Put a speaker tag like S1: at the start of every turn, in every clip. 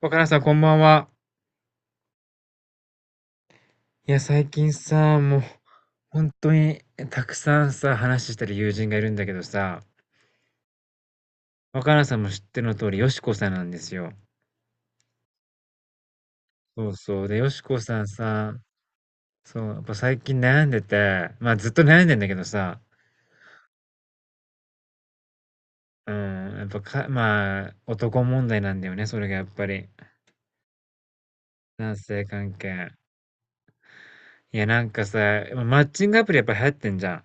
S1: 若菜さん、こんばんは。いや、最近さ、もう、本当に、たくさんさ、話してる友人がいるんだけどさ、若菜さんも知ってるの通り、よしこさんなんですよ。そうそう。で、よしこさんさ、そう、やっぱ最近悩んでて、まあ、ずっと悩んでんだけどさ、うん、やっぱか、まあ、男問題なんだよね、それがやっぱり。男性関係。いや、なんかさ、マッチングアプリやっぱ流行ってんじゃん。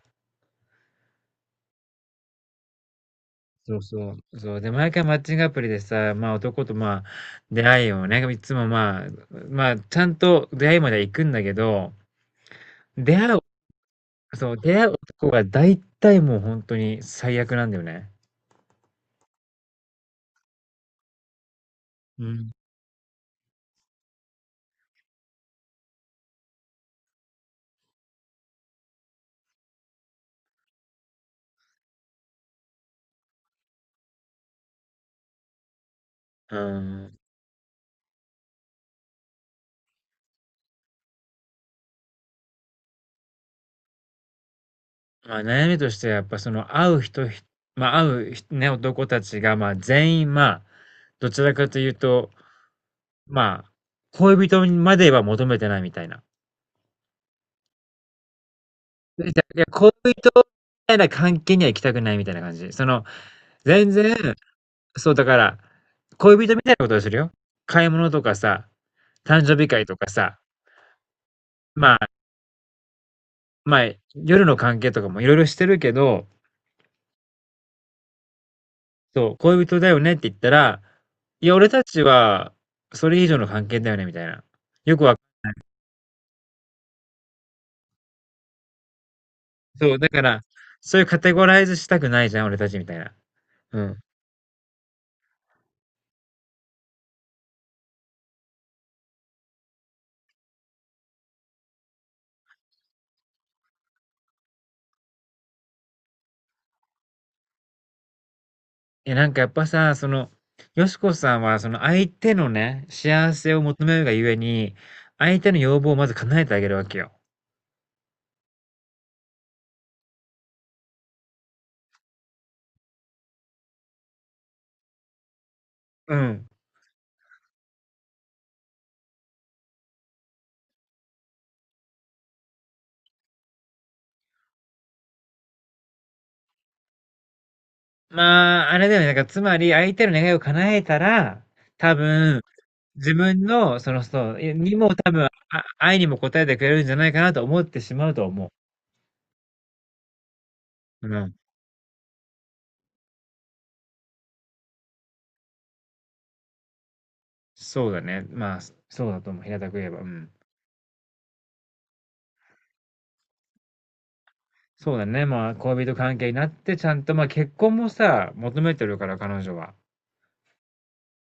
S1: そうそう。そう。で、毎回マッチングアプリでさ、まあ男とまあ出会いをね、いつもまあ、まあちゃんと出会いまでは行くんだけど、出会う、そう、出会う男が大体もう本当に最悪なんだよね。うん。うん。まあ悩みとしてはやっぱその会う人、ひまあ会うひね、男たちがまあ全員まあ、どちらかというと、まあ、恋人までは求めてないみたいな。で、じゃいや、恋人みたいな関係には行きたくないみたいな感じ。その、全然、そう、だから、恋人みたいなことをするよ。買い物とかさ、誕生日会とかさ、まあ、まあ、夜の関係とかもいろいろしてるけど、そう、恋人だよねって言ったら、いや、俺たちは、それ以上の関係だよね、みたいな。よくは、そう、だから、そういうカテゴライズしたくないじゃん、俺たちみたいな。うん。いや、なんかやっぱさ、その、よしこさんは、その相手のね、幸せを求めるがゆえに、相手の要望をまず叶えてあげるわけよ。うん。まあ、あれだよね。なんか、つまり、相手の願いを叶えたら、多分、自分の、その、そう、えにも多分、あ、愛にも応えてくれるんじゃないかなと思ってしまうと思う。うん。そうだね。まあ、そうだと思う。平たく言えば。うん。そうだね。まあ、恋人関係になって、ちゃんと、まあ、結婚もさ、求めてるから、彼女は。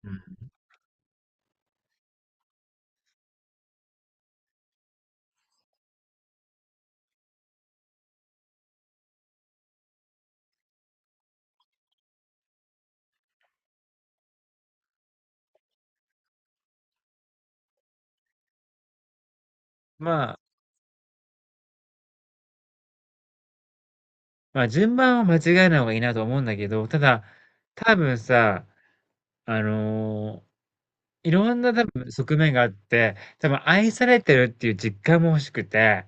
S1: うん。まあ、まあ、順番は間違えない方がいいなと思うんだけど、ただ、多分さ、あのーいろんな多分側面があって、多分愛されてるっていう実感も欲しくて、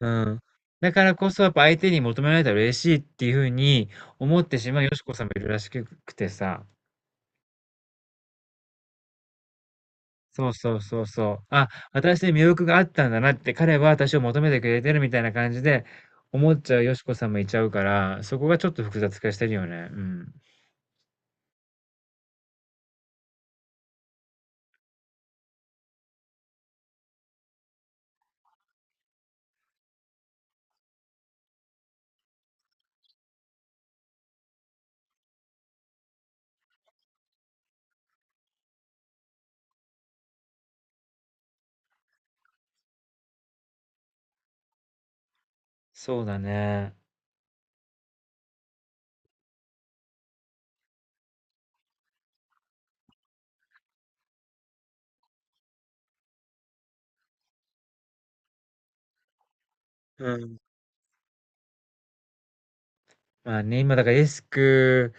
S1: うん。だからこそやっぱ相手に求められたら嬉しいっていうふうに思ってしまうよしこさんもいるらしくてさ。そうそうそうそう。あ、私に魅力があったんだなって、彼は私を求めてくれてるみたいな感じで思っちゃうよしこさんもいちゃうから、そこがちょっと複雑化してるよね。うん。そうだね。うん。まあね、今だからリスク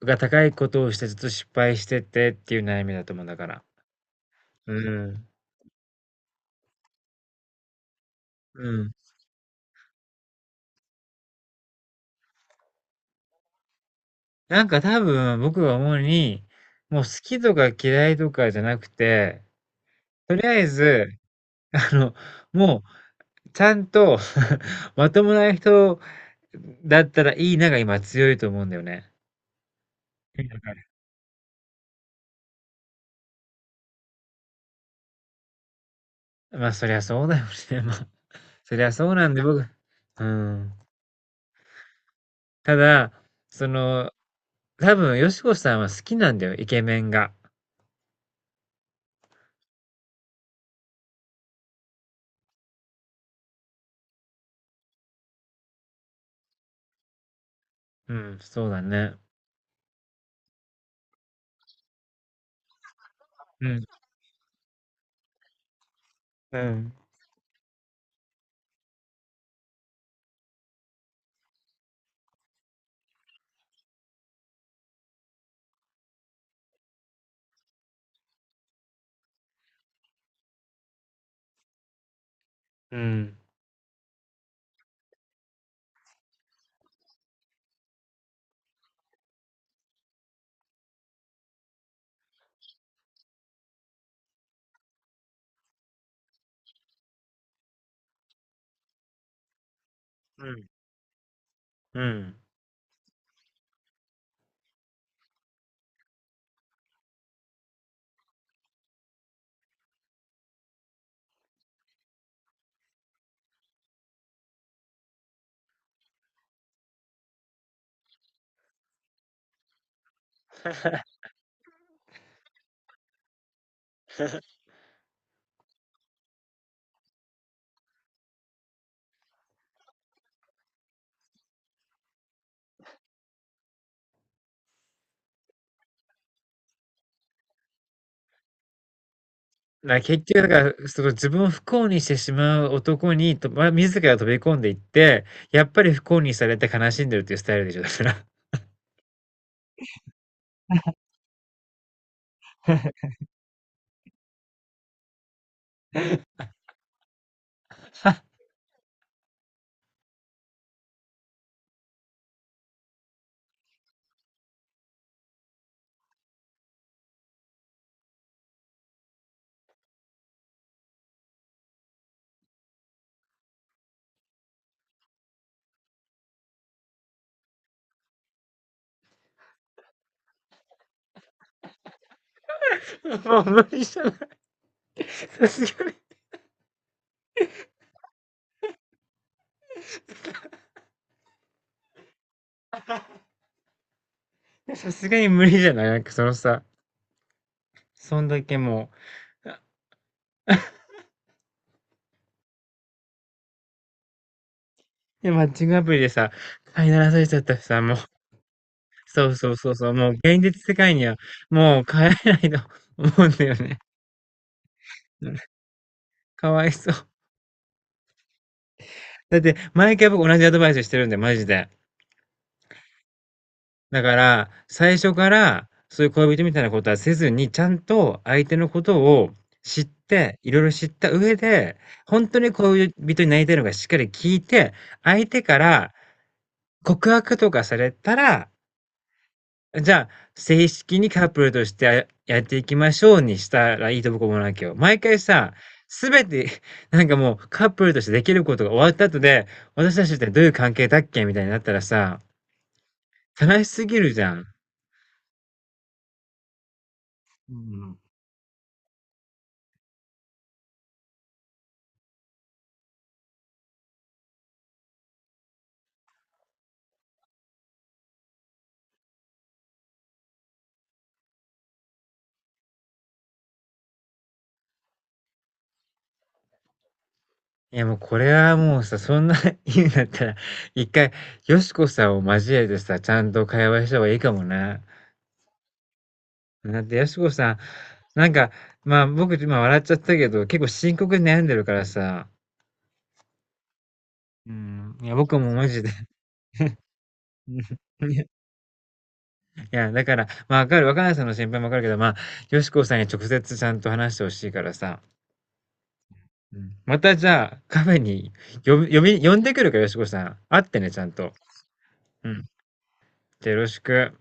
S1: が高いことをしてずっと失敗しててっていう悩みだと思うんだから。うん。うん。なんか多分僕が思うに、もう好きとか嫌いとかじゃなくて、とりあえず、あの、もうちゃんと まともな人だったらいいなが今強いと思うんだよね。まあそりゃそうだよね。まあ、そりゃそうなんで僕、うん。ただ、その、多分、よしこさんは好きなんだよ、イケメンが。うん、そうだね。うん、うん、うん、うん、うん。な、結局、だから、その自分を不幸にしてしまう男に、と、ま、自ら飛び込んでいって、やっぱり不幸にされて悲しんでるっていうスタイルでしょ、だから。もう無理じゃない。さすがに、さすがに無理じゃない なんかそのさ、そんだけもう、あで、マッチングアプリでさ、飼いならされちゃったしさ、もう。そうそうそうそう、もう現実世界には、もう帰れないと 思うんだよね。かわいそう。だって、毎回僕同じアドバイスしてるんで、マジで。だから、最初から、そういう恋人みたいなことはせずに、ちゃんと相手のことを知って、いろいろ知った上で、本当に恋人になりたいのかしっかり聞いて、相手から告白とかされたらじゃあ、正式にカップルとしてやっていきましょうにしたらいいと僕は思うわけよ。毎回さ、すべて、なんかもうカップルとしてできることが終わった後で、私たちってどういう関係だっけみたいになったらさ、悲しすぎるじゃん。んうん。いやもうこれはもうさ、そんな 言うんだったら、一回、よしこさんを交えてさ、ちゃんと会話した方がいいかもね。だって、よしこさん、なんか、まあ僕今笑っちゃったけど、結構深刻に悩んでるからさ、うん、いや僕もマジでうん いや、いやだから、まあ、わかる、若菜さんの心配もわかるけど、まあ、よしこさんに直接ちゃんと話してほしいからさ、うん、またじゃあ、カフェに呼んでくるから、よしこさん。会ってね、ちゃんと。うん。じゃあよろしく。